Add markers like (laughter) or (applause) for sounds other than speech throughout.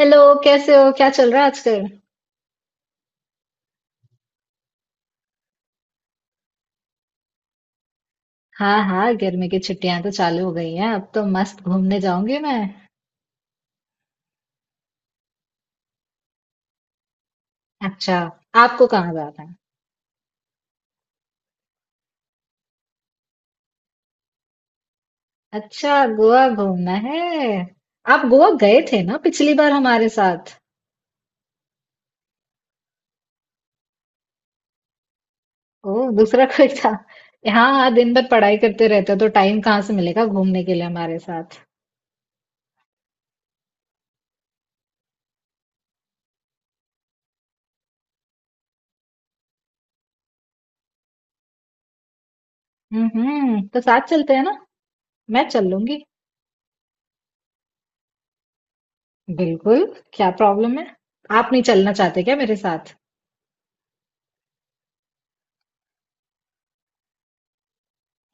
Hello. कैसे हो क्या चल रहा है आजकल। हाँ हाँ गर्मी की छुट्टियां तो चालू हो गई हैं। अब तो मस्त घूमने जाऊंगी मैं। अच्छा। आपको कहाँ जाना है। अच्छा गोवा घूमना है। आप गोवा गए थे ना पिछली बार हमारे साथ। ओ दूसरा कोई था। हाँ हाँ दिन भर पढ़ाई करते रहते हो तो टाइम कहाँ से मिलेगा घूमने के लिए हमारे साथ। हम्म, तो साथ चलते हैं ना। मैं चल लूंगी। बिल्कुल। क्या प्रॉब्लम है। आप नहीं चलना चाहते क्या मेरे साथ।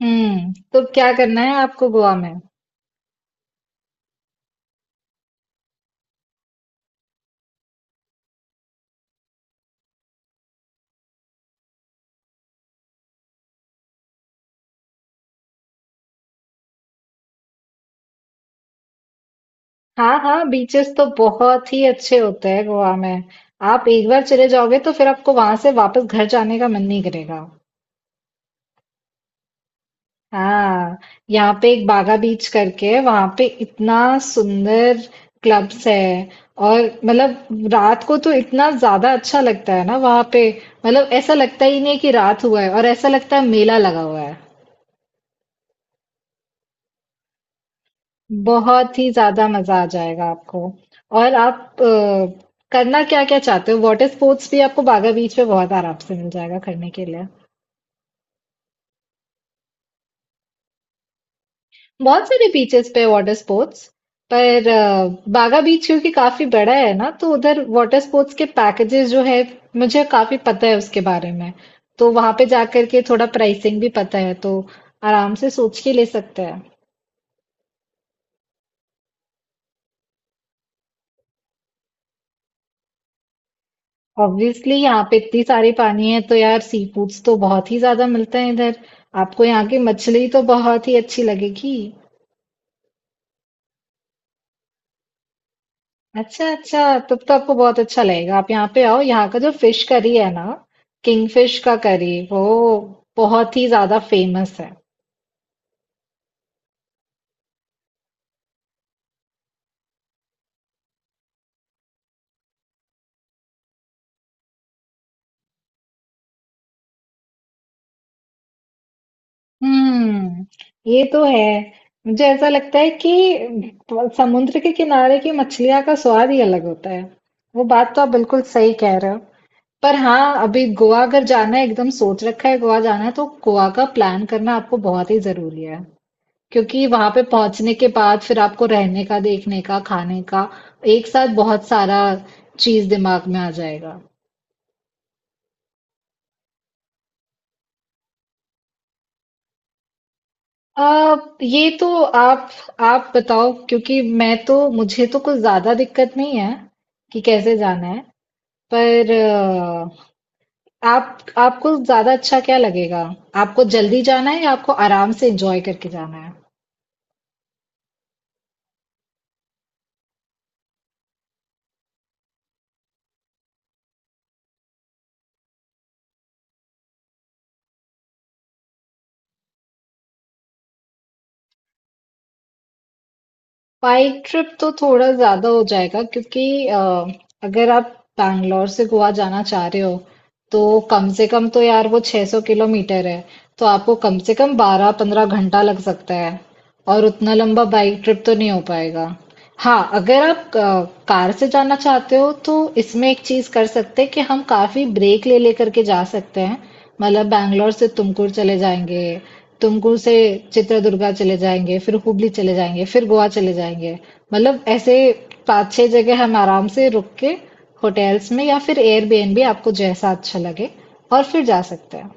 तो क्या करना है आपको गोवा में। हाँ, हाँ, बीचेस तो बहुत ही अच्छे होते हैं गोवा में। आप एक बार चले जाओगे तो फिर आपको वहां से वापस घर जाने का मन नहीं करेगा। हाँ, यहाँ पे एक बागा बीच करके है, वहां पे इतना सुंदर क्लब्स है। और मतलब रात को तो इतना ज्यादा अच्छा लगता है ना वहां पे। मतलब ऐसा लगता ही नहीं है कि रात हुआ है और ऐसा लगता है मेला लगा हुआ है। बहुत ही ज्यादा मजा आ जाएगा आपको। और आप करना क्या क्या चाहते हो। वाटर स्पोर्ट्स भी आपको बागा बीच पे बहुत आराम से मिल जाएगा करने के लिए। बहुत सारे बीचेस पे वाटर स्पोर्ट्स। पर बागा बीच क्योंकि काफी बड़ा है ना तो उधर वाटर स्पोर्ट्स के पैकेजेस जो है मुझे काफी पता है उसके बारे में। तो वहां पे जाकर के थोड़ा प्राइसिंग भी पता है तो आराम से सोच के ले सकते हैं। ऑब्वियसली यहाँ पे इतनी सारी पानी है तो यार सी फूड्स तो बहुत ही ज्यादा मिलते हैं इधर। आपको यहाँ की मछली तो बहुत ही अच्छी लगेगी। अच्छा अच्छा, तब तो आपको बहुत अच्छा लगेगा। आप यहाँ पे आओ। यहाँ का जो फिश करी है ना किंगफिश का करी वो बहुत ही ज्यादा फेमस है। हम्म ये तो है। मुझे ऐसा लगता है कि समुद्र के किनारे की मछलियाँ का स्वाद ही अलग होता है। वो बात तो आप बिल्कुल सही कह रहे हो। पर हाँ, अभी गोवा अगर जाना है, एकदम सोच रखा है गोवा जाना है, तो गोवा का प्लान करना आपको बहुत ही जरूरी है। क्योंकि वहां पे पहुंचने के बाद फिर आपको रहने का, देखने का, खाने का एक साथ बहुत सारा चीज दिमाग में आ जाएगा। आ, ये तो आप बताओ क्योंकि मैं तो मुझे तो कुछ ज्यादा दिक्कत नहीं है कि कैसे जाना है। पर आप आपको ज्यादा अच्छा क्या लगेगा? आपको जल्दी जाना है या आपको आराम से एंजॉय करके जाना है? बाइक ट्रिप तो थोड़ा ज़्यादा हो जाएगा क्योंकि अगर आप बैंगलोर से गोवा जाना चाह रहे हो तो कम से कम तो यार वो 600 किलोमीटर है। तो आपको कम से कम 12-15 घंटा लग सकता है और उतना लंबा बाइक ट्रिप तो नहीं हो पाएगा। हाँ, अगर आप क कार से जाना चाहते हो तो इसमें एक चीज़ कर सकते हैं कि हम काफ़ी ब्रेक ले लेकर के जा सकते हैं। मतलब बैंगलोर से तुमकुर चले जाएँगे, तुमकुर से चित्रदुर्गा चले जाएँगे, फिर हुबली चले जाएँगे, फिर गोवा चले जाएँगे। मतलब ऐसे 5-6 जगह हम आराम से रुक के होटल्स में या फिर एयरबीएनबी आपको जैसा अच्छा लगे और फिर जा सकते हैं।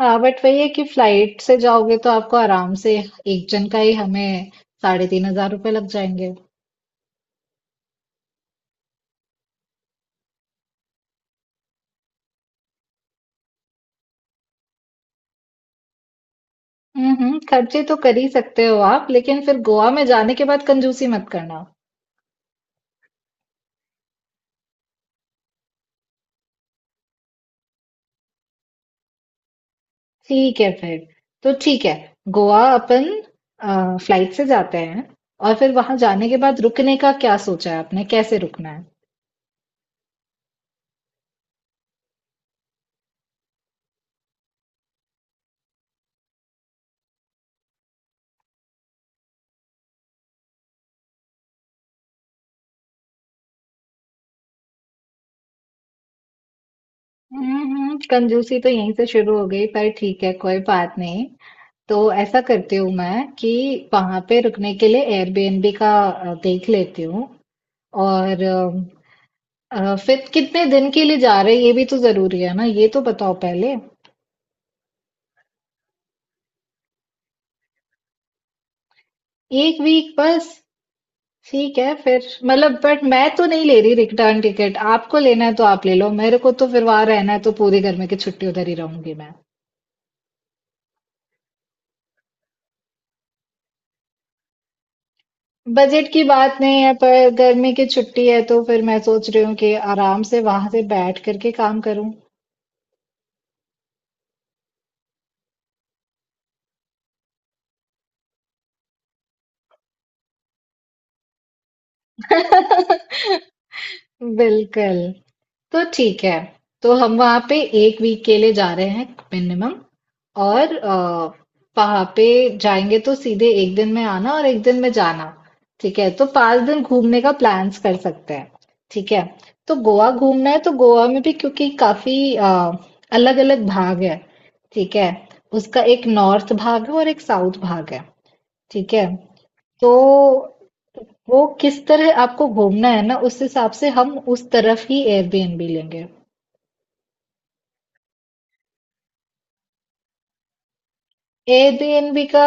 हाँ, बट वही है कि फ्लाइट से जाओगे तो आपको आराम से एक जन का ही हमें साढ़े 3,000 रुपए लग जाएँगे। खर्चे तो कर ही सकते हो आप, लेकिन फिर गोवा में जाने के बाद कंजूसी मत करना। ठीक है फिर। तो ठीक है। गोवा अपन फ्लाइट से जाते हैं। और फिर वहां जाने के बाद रुकने का क्या सोचा है आपने, कैसे रुकना है। कंजूसी तो यहीं से शुरू हो गई, पर ठीक है कोई बात नहीं। तो ऐसा करती हूँ मैं कि वहां पे रुकने के लिए एयरबीएनबी का देख लेती हूँ। और फिर कितने दिन के लिए जा रहे हैं ये भी तो जरूरी है ना। ये तो बताओ पहले। 1 वीक बस? ठीक है फिर, मतलब बट मैं तो नहीं ले रही रिटर्न टिकट। आपको लेना है तो आप ले लो। मेरे को तो फिर वहां रहना है तो पूरी गर्मी की छुट्टी उधर ही रहूंगी मैं। बजट की बात नहीं है, पर गर्मी की छुट्टी है तो फिर मैं सोच रही हूँ कि आराम से वहां से बैठ करके काम करूँ। (laughs) बिल्कुल। तो ठीक है। तो हम वहाँ पे 1 वीक के लिए जा रहे हैं मिनिमम। और वहाँ पे जाएंगे तो सीधे एक दिन में आना और एक दिन में जाना। ठीक है। तो 5 दिन घूमने का प्लान्स कर सकते हैं। ठीक है। तो गोवा घूमना है तो गोवा में भी क्योंकि काफी अलग-अलग भाग है। ठीक है। उसका एक नॉर्थ भाग है और एक साउथ भाग है। ठीक है। तो वो किस तरह आपको घूमना है ना, उस हिसाब से हम उस तरफ ही एयरबीएनबी लेंगे। एयरबीएनबी का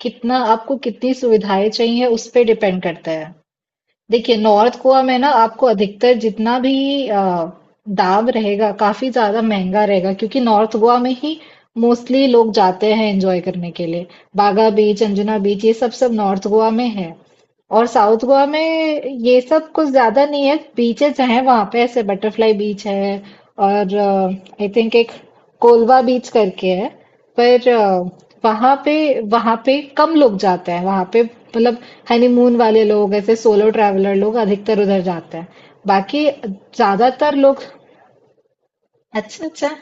कितना, आपको कितनी सुविधाएं चाहिए उस पे डिपेंड करता है। देखिए नॉर्थ गोवा में ना आपको अधिकतर जितना भी दाब रहेगा काफी ज्यादा महंगा रहेगा, क्योंकि नॉर्थ गोवा में ही मोस्टली लोग जाते हैं एंजॉय करने के लिए। बागा बीच, अंजुना बीच, ये सब सब नॉर्थ गोवा में है। और साउथ गोवा में ये सब कुछ ज्यादा नहीं है। बीचेस हैं वहां पे, ऐसे बटरफ्लाई बीच है। और आई थिंक एक कोलवा बीच करके है। पर वहां पे वहां पे कम लोग जाते हैं वहां पे। मतलब हनीमून वाले लोग, ऐसे सोलो ट्रैवलर लोग अधिकतर उधर जाते हैं। बाकी ज्यादातर लोग। अच्छा अच्छा।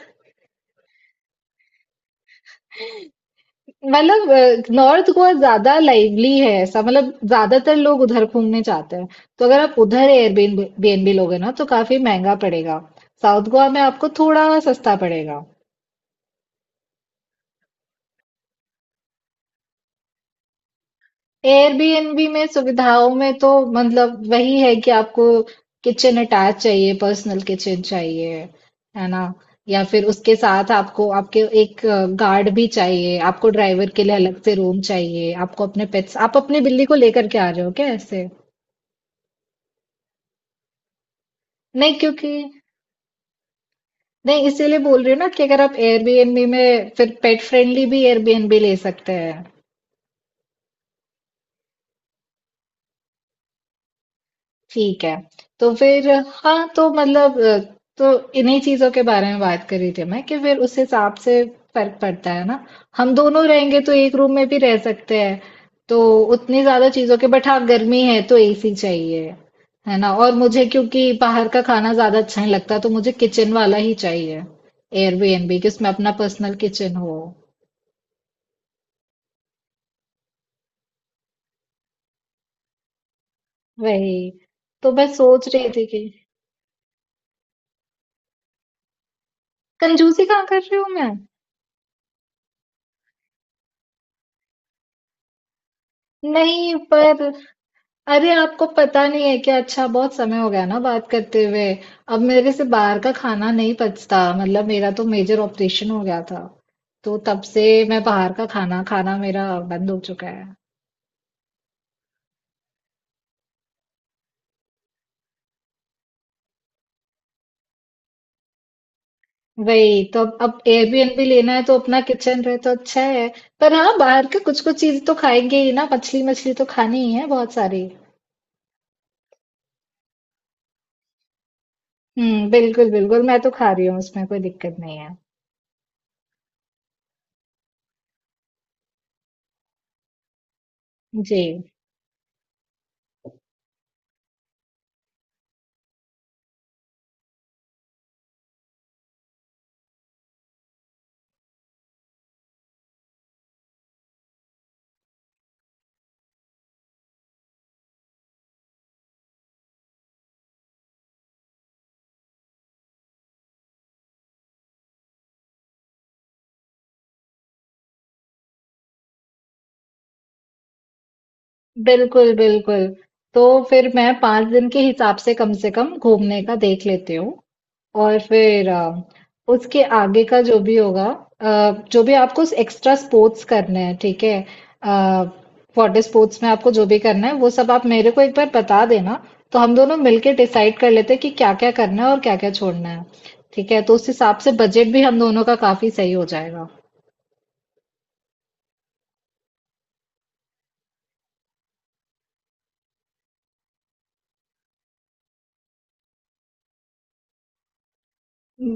मतलब नॉर्थ गोवा ज्यादा लाइवली है ऐसा, मतलब ज्यादातर लोग उधर घूमने जाते हैं। तो अगर आप उधर एयरबीएनबी लोगे ना तो काफी महंगा पड़ेगा। साउथ गोवा में आपको थोड़ा सस्ता पड़ेगा। एयरबीएनबी में सुविधाओं में तो मतलब वही है कि आपको किचन अटैच चाहिए, पर्सनल किचन चाहिए, है ना? या फिर उसके साथ आपको आपके एक गार्ड भी चाहिए, आपको ड्राइवर के लिए अलग से रूम चाहिए, आपको अपने पेट्स, आप अपनी बिल्ली को लेकर के आ रहे हो क्या ऐसे? नहीं क्योंकि नहीं, इसीलिए बोल रही हूँ ना कि अगर आप एयरबीएनबी में फिर पेट फ्रेंडली भी एयरबीएनबी ले सकते हैं। ठीक है। तो फिर हाँ, तो मतलब तो इन्हीं चीज़ों के बारे में बात कर रही थी मैं कि फिर उस हिसाब से फर्क पड़ता है ना। हम दोनों रहेंगे तो एक रूम में भी रह सकते हैं। तो उतनी ज़्यादा चीज़ों के, बट हाँ गर्मी है तो एसी चाहिए। है ना? और मुझे क्योंकि बाहर का खाना ज़्यादा अच्छा नहीं लगता तो मुझे किचन वाला ही चाहिए। एयरबीएनबी कि उसमें अपना पर्सनल किचन हो। वही। तो मैं सोच रही थी कि। कंजूसी कहाँ कर रही हूँ मैं? नहीं पर, अरे आपको पता नहीं है क्या, अच्छा बहुत समय हो गया ना बात करते हुए। अब मेरे से बाहर का खाना नहीं पचता, मतलब मेरा तो मेजर ऑपरेशन हो गया था। तो तब से मैं बाहर का खाना खाना मेरा बंद हो चुका है। वही, तो अब एयरबीएनबी लेना है तो अपना किचन रहे तो अच्छा है। पर हाँ, बाहर का कुछ कुछ चीज तो खाएंगे ही ना, मछली मछली तो खानी ही है बहुत सारी। हम्म, बिल्कुल बिल्कुल, मैं तो खा रही हूँ उसमें कोई दिक्कत नहीं है। जी। बिल्कुल, बिल्कुल। तो फिर मैं 5 दिन के हिसाब से कम घूमने का देख लेती हूँ। और फिर उसके आगे का जो भी होगा, जो भी आपको एक्स्ट्रा स्पोर्ट्स करने हैं, ठीक है? अ, वाटर स्पोर्ट्स में आपको जो भी करना है वो सब आप मेरे को एक बार बता देना। तो हम दोनों मिलके डिसाइड कर लेते हैं कि क्या-क्या करना है और क्या-क्या छोड़ना है। ठीक है? तो उस हिसाब से बजट भी हम दोनों का काफी सही हो जाएगा।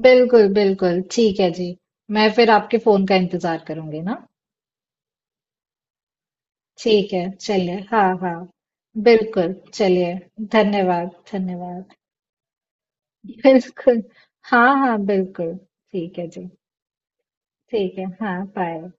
बिल्कुल, बिल्कुल। ठीक है जी। मैं फिर आपके फ़ोन का इंतज़ार करूँगी ना। ठीक है चलिए, हाँ हाँ, बिल्कुल चलिए। धन्यवाद, धन्यवाद। (laughs) बिल्कुल। हाँ हाँ बिल्कुल, ठीक है जी। ठीक है, हाँ बाय।